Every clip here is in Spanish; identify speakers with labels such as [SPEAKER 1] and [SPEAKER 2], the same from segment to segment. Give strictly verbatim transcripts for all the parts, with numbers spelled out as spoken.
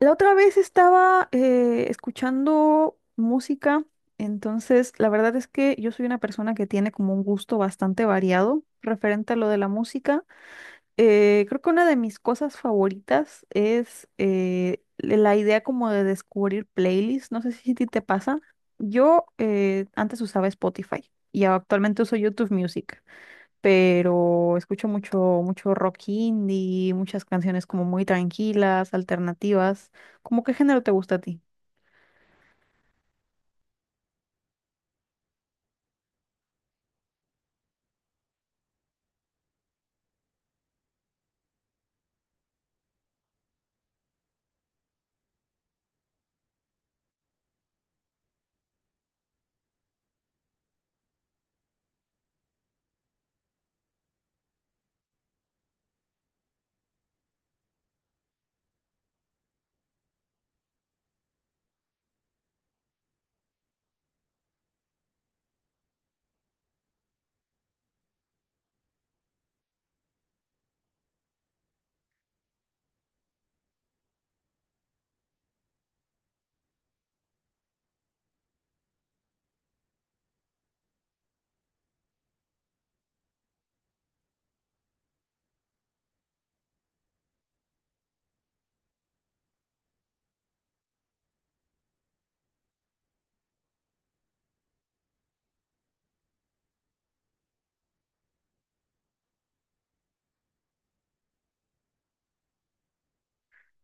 [SPEAKER 1] La otra vez estaba eh, escuchando música, entonces la verdad es que yo soy una persona que tiene como un gusto bastante variado referente a lo de la música. Eh, creo que una de mis cosas favoritas es eh, la idea como de descubrir playlists, no sé si a ti te pasa. Yo eh, antes usaba Spotify y actualmente uso YouTube Music, pero escucho mucho, mucho rock indie, muchas canciones como muy tranquilas, alternativas. ¿Cómo qué género te gusta a ti?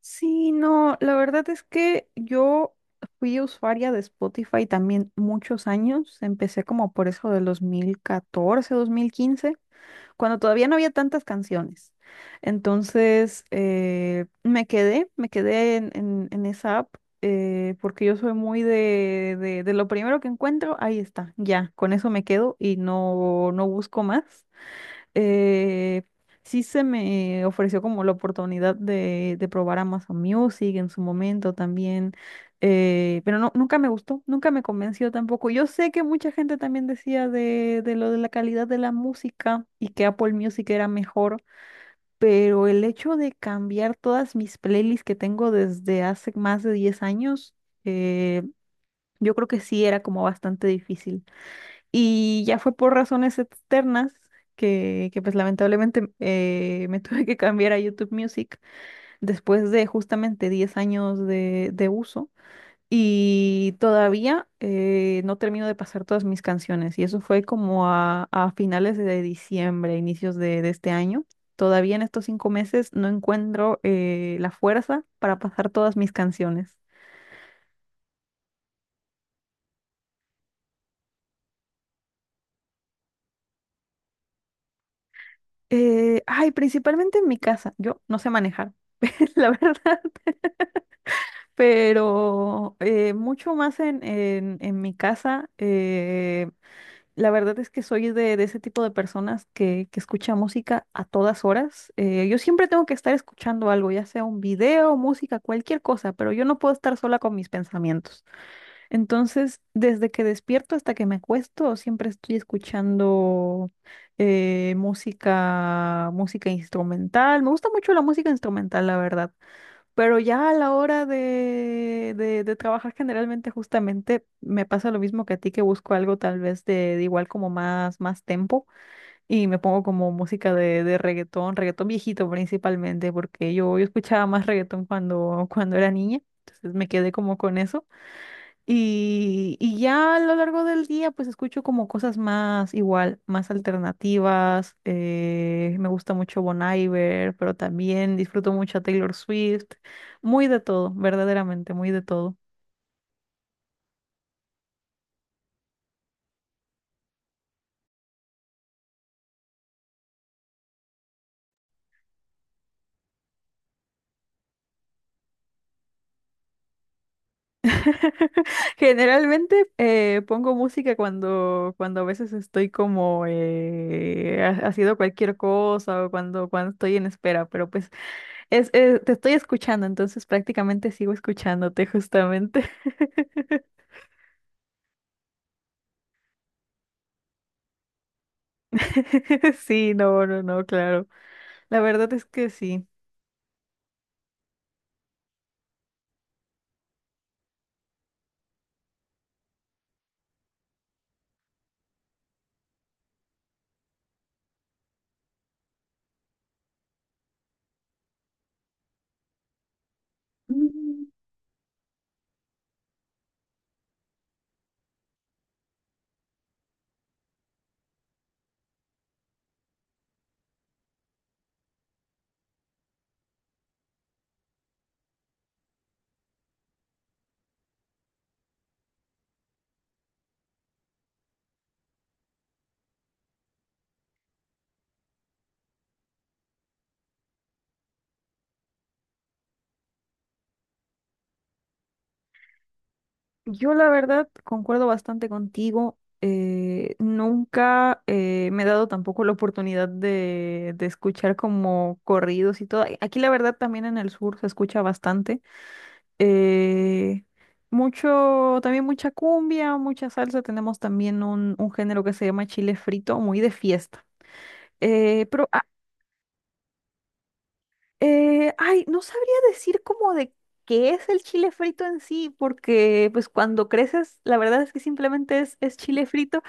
[SPEAKER 1] Sí, no, la verdad es que yo fui usuaria de Spotify también muchos años. Empecé como por eso del dos mil catorce, dos mil quince, cuando todavía no había tantas canciones. Entonces, eh, me quedé, me quedé en, en- en esa app, eh, porque yo soy muy de, de, de lo primero que encuentro, ahí está, ya, con eso me quedo y no, no busco más. eh, sí se me ofreció como la oportunidad de, de probar Amazon Music en su momento también. Eh, pero no, nunca me gustó, nunca me convenció tampoco. Yo sé que mucha gente también decía de, de lo de la calidad de la música y que Apple Music era mejor, pero el hecho de cambiar todas mis playlists que tengo desde hace más de diez años, eh, yo creo que sí era como bastante difícil. Y ya fue por razones externas que, que pues lamentablemente eh, me tuve que cambiar a YouTube Music, después de justamente diez años de, de uso. Y todavía eh, no termino de pasar todas mis canciones. Y eso fue como a, a finales de diciembre, inicios de, de este año. Todavía en estos cinco meses no encuentro eh, la fuerza para pasar todas mis canciones. Eh, ay, principalmente en mi casa. Yo no sé manejar, la verdad. Pero eh, mucho más en, en, en mi casa. Eh, la verdad es que soy de, de ese tipo de personas que, que escucha música a todas horas. Eh, yo siempre tengo que estar escuchando algo, ya sea un video, música, cualquier cosa, pero yo no puedo estar sola con mis pensamientos. Entonces, desde que despierto hasta que me acuesto, siempre estoy escuchando eh, música, música instrumental. Me gusta mucho la música instrumental, la verdad. Pero ya a la hora de, de, de trabajar, generalmente justamente me pasa lo mismo que a ti, que busco algo tal vez de, de igual como más, más tempo, y me pongo como música de, de reggaetón, reggaetón viejito, principalmente porque yo, yo escuchaba más reggaetón cuando, cuando era niña, entonces me quedé como con eso. Y, y ya a lo largo del día, pues escucho como cosas más igual, más alternativas. Eh, me gusta mucho Bon Iver, pero también disfruto mucho a Taylor Swift. Muy de todo, verdaderamente, muy de todo. Generalmente eh, pongo música cuando, cuando a veces estoy como eh, ha- haciendo cualquier cosa o cuando, cuando estoy en espera, pero pues es, es- te estoy escuchando, entonces prácticamente sigo escuchándote justamente. Sí, no, no, no, claro. La verdad es que sí. Mm, Yo la verdad concuerdo bastante contigo. Eh, nunca eh, me he dado tampoco la oportunidad de, de escuchar como corridos y todo. A- Aquí la verdad también en el sur se escucha bastante. Eh, Mucho, también mucha cumbia, mucha salsa. Tenemos también un, un género que se llama chile frito, muy de fiesta. Eh, pero Eh, ay, no sabría decir como de qué es el chile frito en sí, porque pues cuando creces, la verdad es que simplemente es, es chile frito.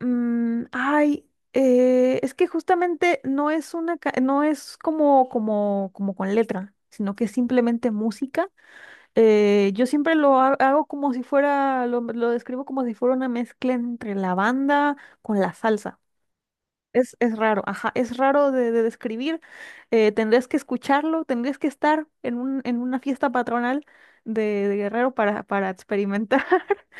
[SPEAKER 1] Mm, ay, eh, es que justamente no es una, ca- no es como, como, como con letra, sino que es simplemente música. Eh, yo siempre lo ha- hago como si fuera, lo, lo describo como si fuera una mezcla entre la banda con la salsa. Es, es raro, ajá, es raro de, de describir. Eh, tendrías que escucharlo, tendrías que estar en un, en una fiesta patronal de, de Guerrero para, para experimentar.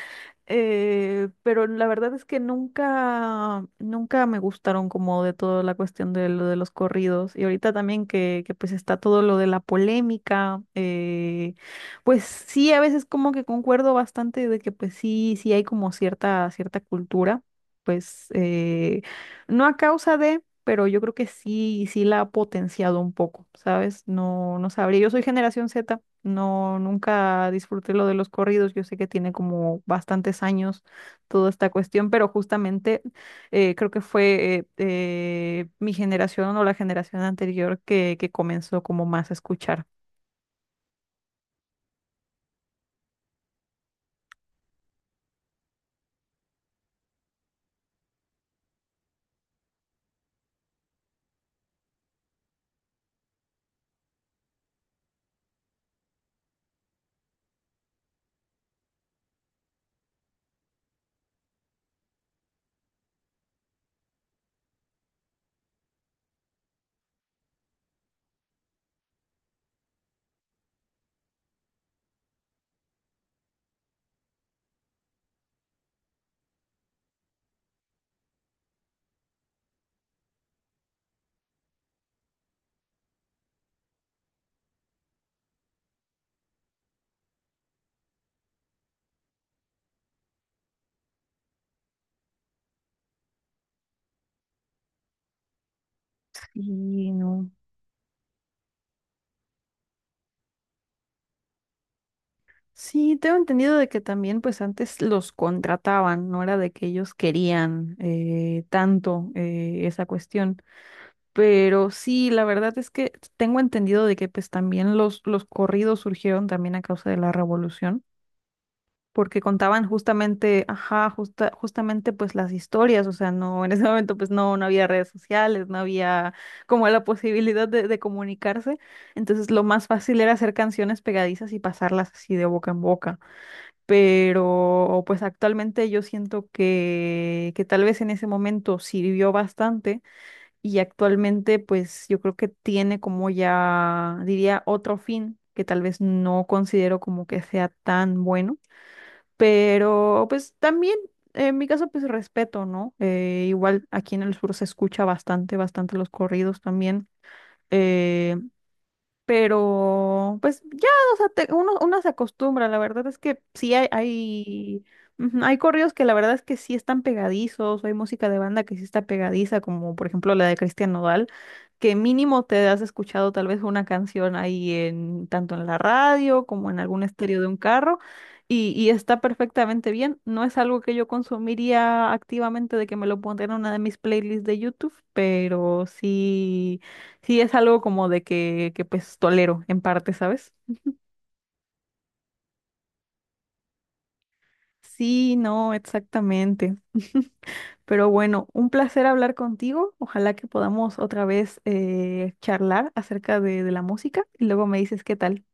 [SPEAKER 1] eh, Pero la verdad es que nunca, nunca me gustaron como de toda la cuestión de lo de los corridos. Y ahorita también que, que pues está todo lo de la polémica, eh, pues sí, a veces como que concuerdo bastante de que pues sí, sí hay como cierta, cierta cultura, pues eh, no a causa de pero yo creo que sí, sí la ha potenciado un poco, ¿sabes? No, no sabría. Yo soy generación zeta, no, nunca disfruté lo de los corridos. Yo sé que tiene como bastantes años toda esta cuestión, pero justamente eh, creo que fue eh, eh, mi generación o la generación anterior que, que comenzó como más a escuchar. Y no. Sí, tengo entendido de que también pues antes los contrataban, no era de que ellos querían eh, tanto eh, esa cuestión. Pero sí, la verdad es que tengo entendido de que pues también los, los corridos surgieron también a causa de la revolución, porque contaban justamente, ajá, justa- justamente pues las historias, o sea, no, en ese momento pues no, no había redes sociales, no había como la posibilidad de, de comunicarse, entonces lo más fácil era hacer canciones pegadizas y pasarlas así de boca en boca. Pero pues actualmente yo siento que, que tal vez en ese momento sirvió bastante, y actualmente pues yo creo que tiene como ya, diría, otro fin que tal vez no considero como que sea tan bueno, pero pues también en mi caso pues respeto, ¿no? Eh, igual aquí en el sur se escucha bastante, bastante los corridos también. eh, pero, pues ya, o sea, te- uno, uno se acostumbra, la verdad es que sí hay, hay, ujú, hay corridos que la verdad es que sí están pegadizos, o hay música de banda que sí está pegadiza, como por ejemplo la de Cristian Nodal, que mínimo te has escuchado tal vez una canción ahí en, tanto en la radio como en algún estéreo de un carro, y, y está perfectamente bien. No es algo que yo consumiría activamente de que me lo pondría en una de mis playlists de YouTube, pero sí. Sí, es algo como de que, que pues tolero en parte, ¿sabes? Sí, no, exactamente. Pero bueno, un placer hablar contigo. Ojalá que podamos otra vez eh, charlar acerca de, de la música y luego me dices qué tal.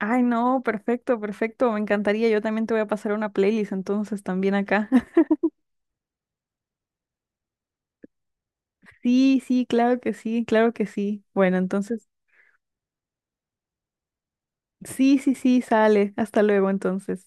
[SPEAKER 1] Ay, no, perfecto, perfecto. Me encantaría. Yo también te voy a pasar una playlist entonces también acá. Sí, sí, claro que sí, claro que sí. Bueno, entonces, sí, sí, sí, sale. Hasta luego entonces.